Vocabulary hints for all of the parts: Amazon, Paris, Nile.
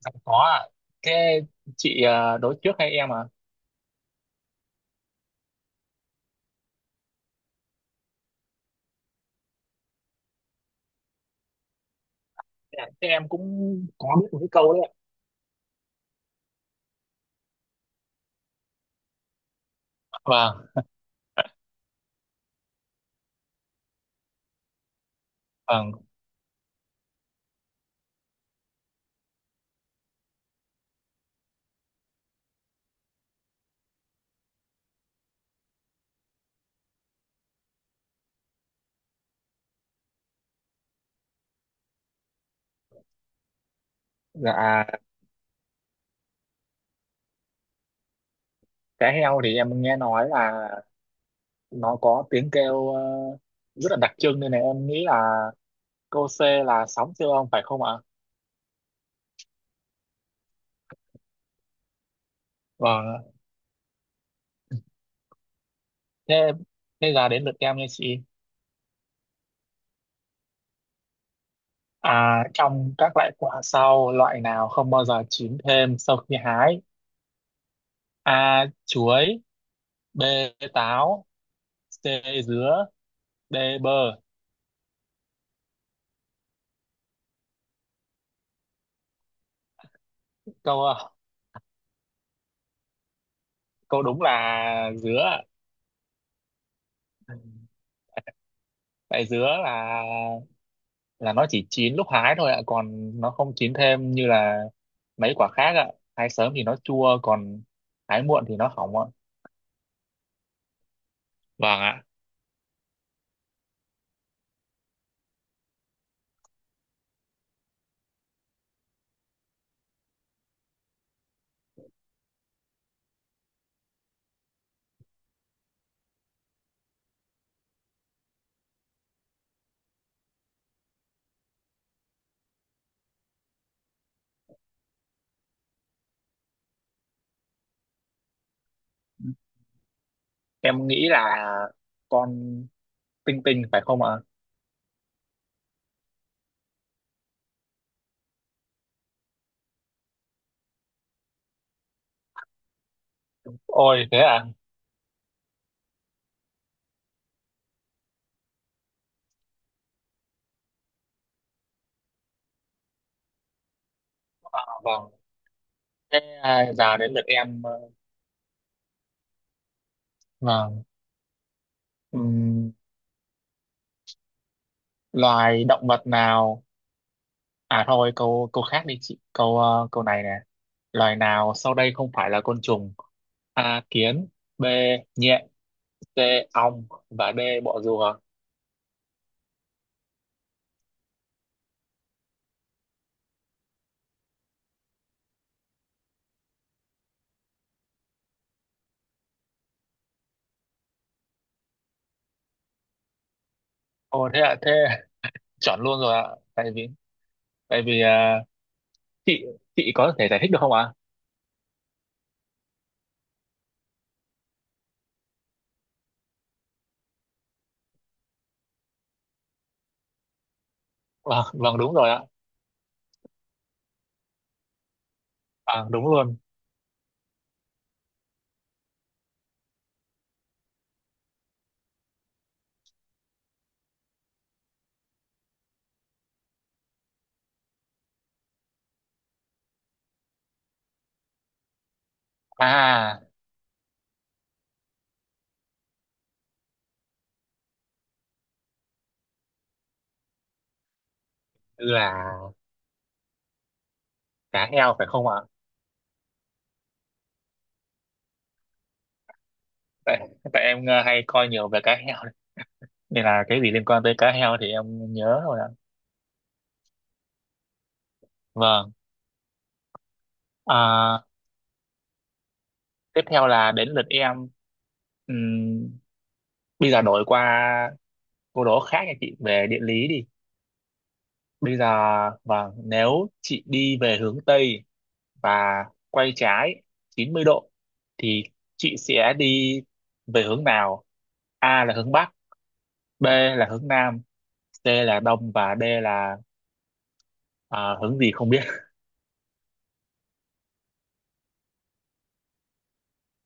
Dạ, có ạ. thế chị đối trước hay em? Dạ, thế em cũng có biết một cái câu đấy ạ. Vâng vâng Dạ, cá heo thì em nghe nói là nó có tiếng kêu, rất là đặc trưng, nên là em nghĩ là câu C là sóng siêu âm phải không ạ? Vâng. thế Thế giờ đến lượt em nha chị. À, trong các loại quả sau, loại nào không bao giờ chín thêm sau khi hái? A chuối, B táo, C dứa, D bơ. câu ờ, Câu đúng là dứa. Tại dứa là nó chỉ chín lúc hái thôi ạ, còn nó không chín thêm như là mấy quả khác ạ. Hái sớm thì nó chua, còn hái muộn thì nó hỏng ạ. Vâng ạ. Em nghĩ là con tinh tinh phải không ạ? Ôi thế à. Vâng, thế à, giờ đến lượt em. Vâng. Ừm, Loài động vật nào... à thôi, câu câu khác đi chị, câu này nè. Loài nào sau đây không phải là côn trùng? A kiến, B nhện, C ong và D bọ rùa. Ồ thế ạ, thế chọn luôn rồi ạ. Tại vì... tại vì à, chị chị có thể giải thích được không ạ? Vâng vâng, đúng rồi ạ. À, đúng luôn. À là cá heo phải không ạ? Tại Tại em hay coi nhiều về cá heo đấy. Nên là cái gì liên quan tới cá heo thì em nhớ rồi ạ. Vâng. À, tiếp theo là đến lượt em. Ừm, Bây giờ đổi qua câu đố khác nha chị, về địa lý đi. Bây giờ vâng, nếu chị đi về hướng Tây và quay trái 90 độ thì chị sẽ đi về hướng nào? A là hướng Bắc, B là hướng Nam, C là Đông và D là à, hướng gì không biết.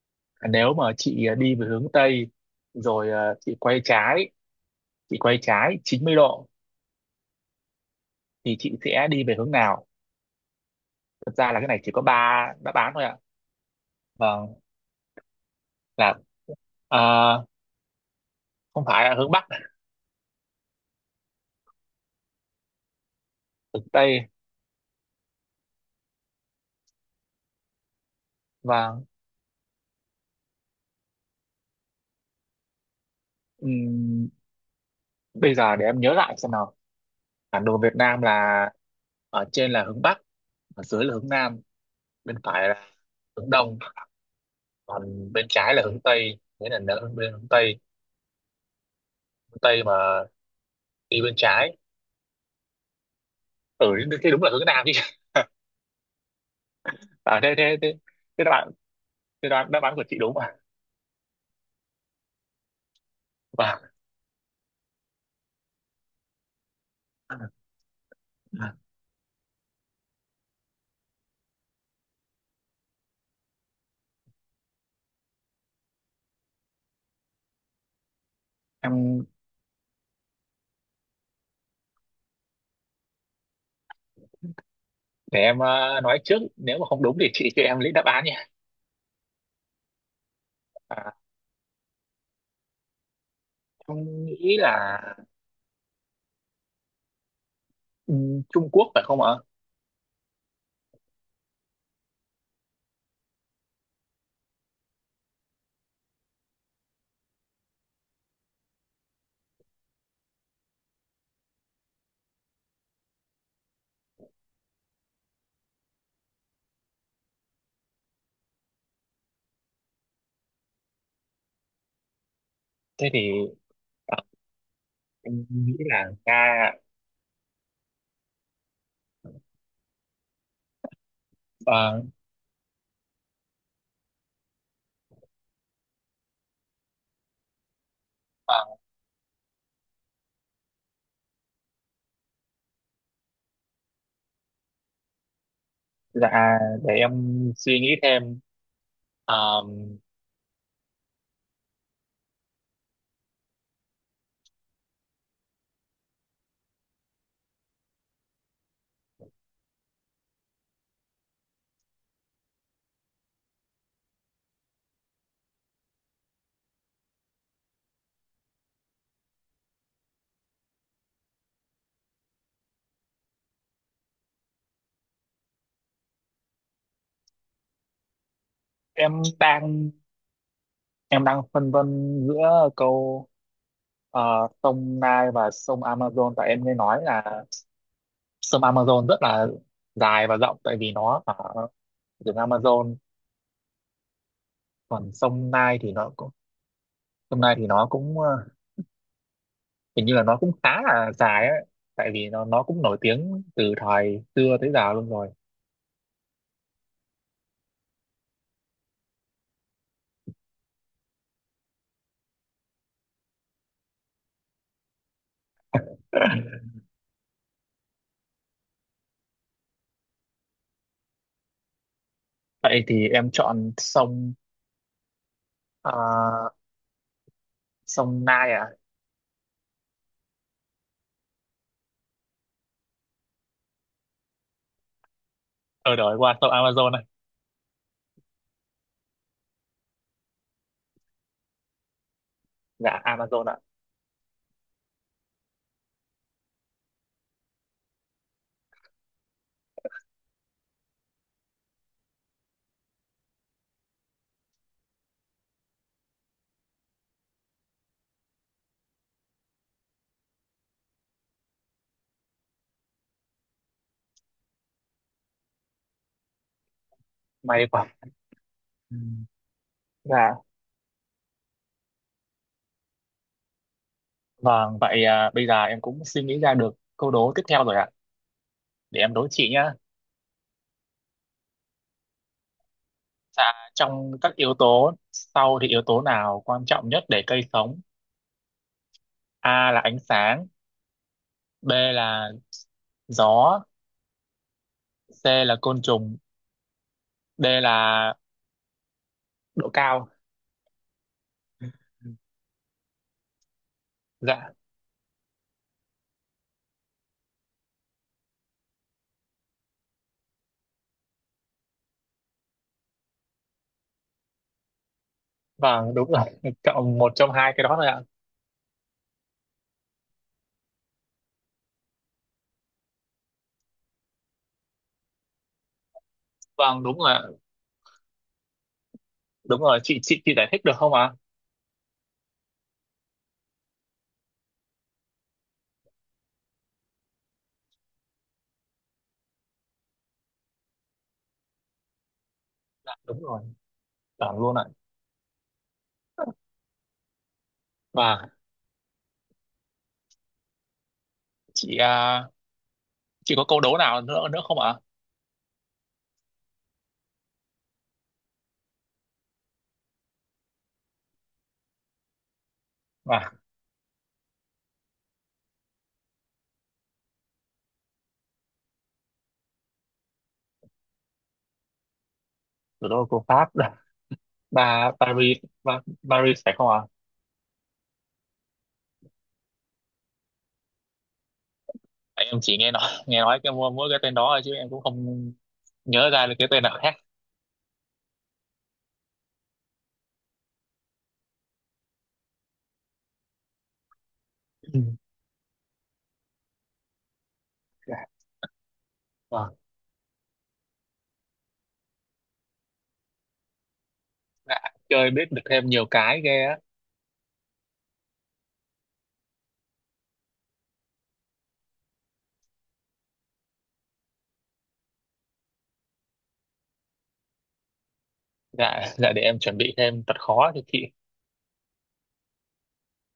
Nếu mà chị đi về hướng Tây rồi à, chị quay trái, chị quay trái 90 độ thì chị sẽ đi về hướng nào? Thật ra là cái này chỉ có ba đáp án thôi ạ. Vâng, là à, không phải là hướng Bắc, hướng Tây. Và... Ừm, bây giờ để em nhớ lại xem nào. Bản đồ Việt Nam là ở trên là hướng Bắc, ở dưới là hướng Nam, bên phải là hướng Đông, còn bên trái là hướng Tây. Thế là nở bên hướng Tây, hướng Tây mà đi bên trái, ừ thế thế đúng là hướng Nam chứ. À thế thế thế, thế đáp án thế đáp án, của chị đúng à? Vâng. em để em nói trước, nếu mà không đúng thì chị cho em lấy đáp án nha. À, em nghĩ là Trung Quốc phải không ạ? Thế thì ờ, em nghĩ là Nga. Ờ. Ờ, dạ để em suy nghĩ thêm. Ờ, em đang em đang phân vân giữa câu ờ, sông Nile và sông Amazon. Tại em nghe nói là sông Amazon rất là dài và rộng, tại vì nó ở rừng Amazon. Còn sông Nile thì nó cũng... sông Nile thì nó cũng ờ, hình như là nó cũng khá là dài ấy, tại vì nó cũng nổi tiếng từ thời xưa tới giờ luôn rồi. Vậy thì em chọn sông ờ, sông Nile ạ. Ờ, đổi qua shop Amazon này. Dạ Amazon ạ. May quá. Ừ. Dạ. Vâng, vậy à, bây giờ em cũng suy nghĩ ra được câu đố tiếp theo rồi ạ. Để em đố chị nhá. Dạ, trong các yếu tố sau thì yếu tố nào quan trọng nhất để cây sống? A là ánh sáng, B là gió, C là côn trùng, D là độ cao. Dạ vâng đúng rồi, chọn một trong hai cái đó thôi ạ. Vâng đúng rồi ạ. Đúng rồi, chị, chị giải thích được không ạ? Dạ đúng rồi. Vâng luôn ạ. Và chị à, chị có câu đố nào nữa nữa không ạ? À, thủ đô của Pháp là Ba... Paris, ba, Paris phải không ạ? À? Em chỉ nghe nói cái mỗi mỗi cái tên đó thôi, chứ em cũng không nhớ ra được cái tên nào khác. Ừ. Dạ. Vâng. Dạ, chơi biết được thêm nhiều cái ghê á. Dạ, dạ để em chuẩn bị thêm thật khó cho chị.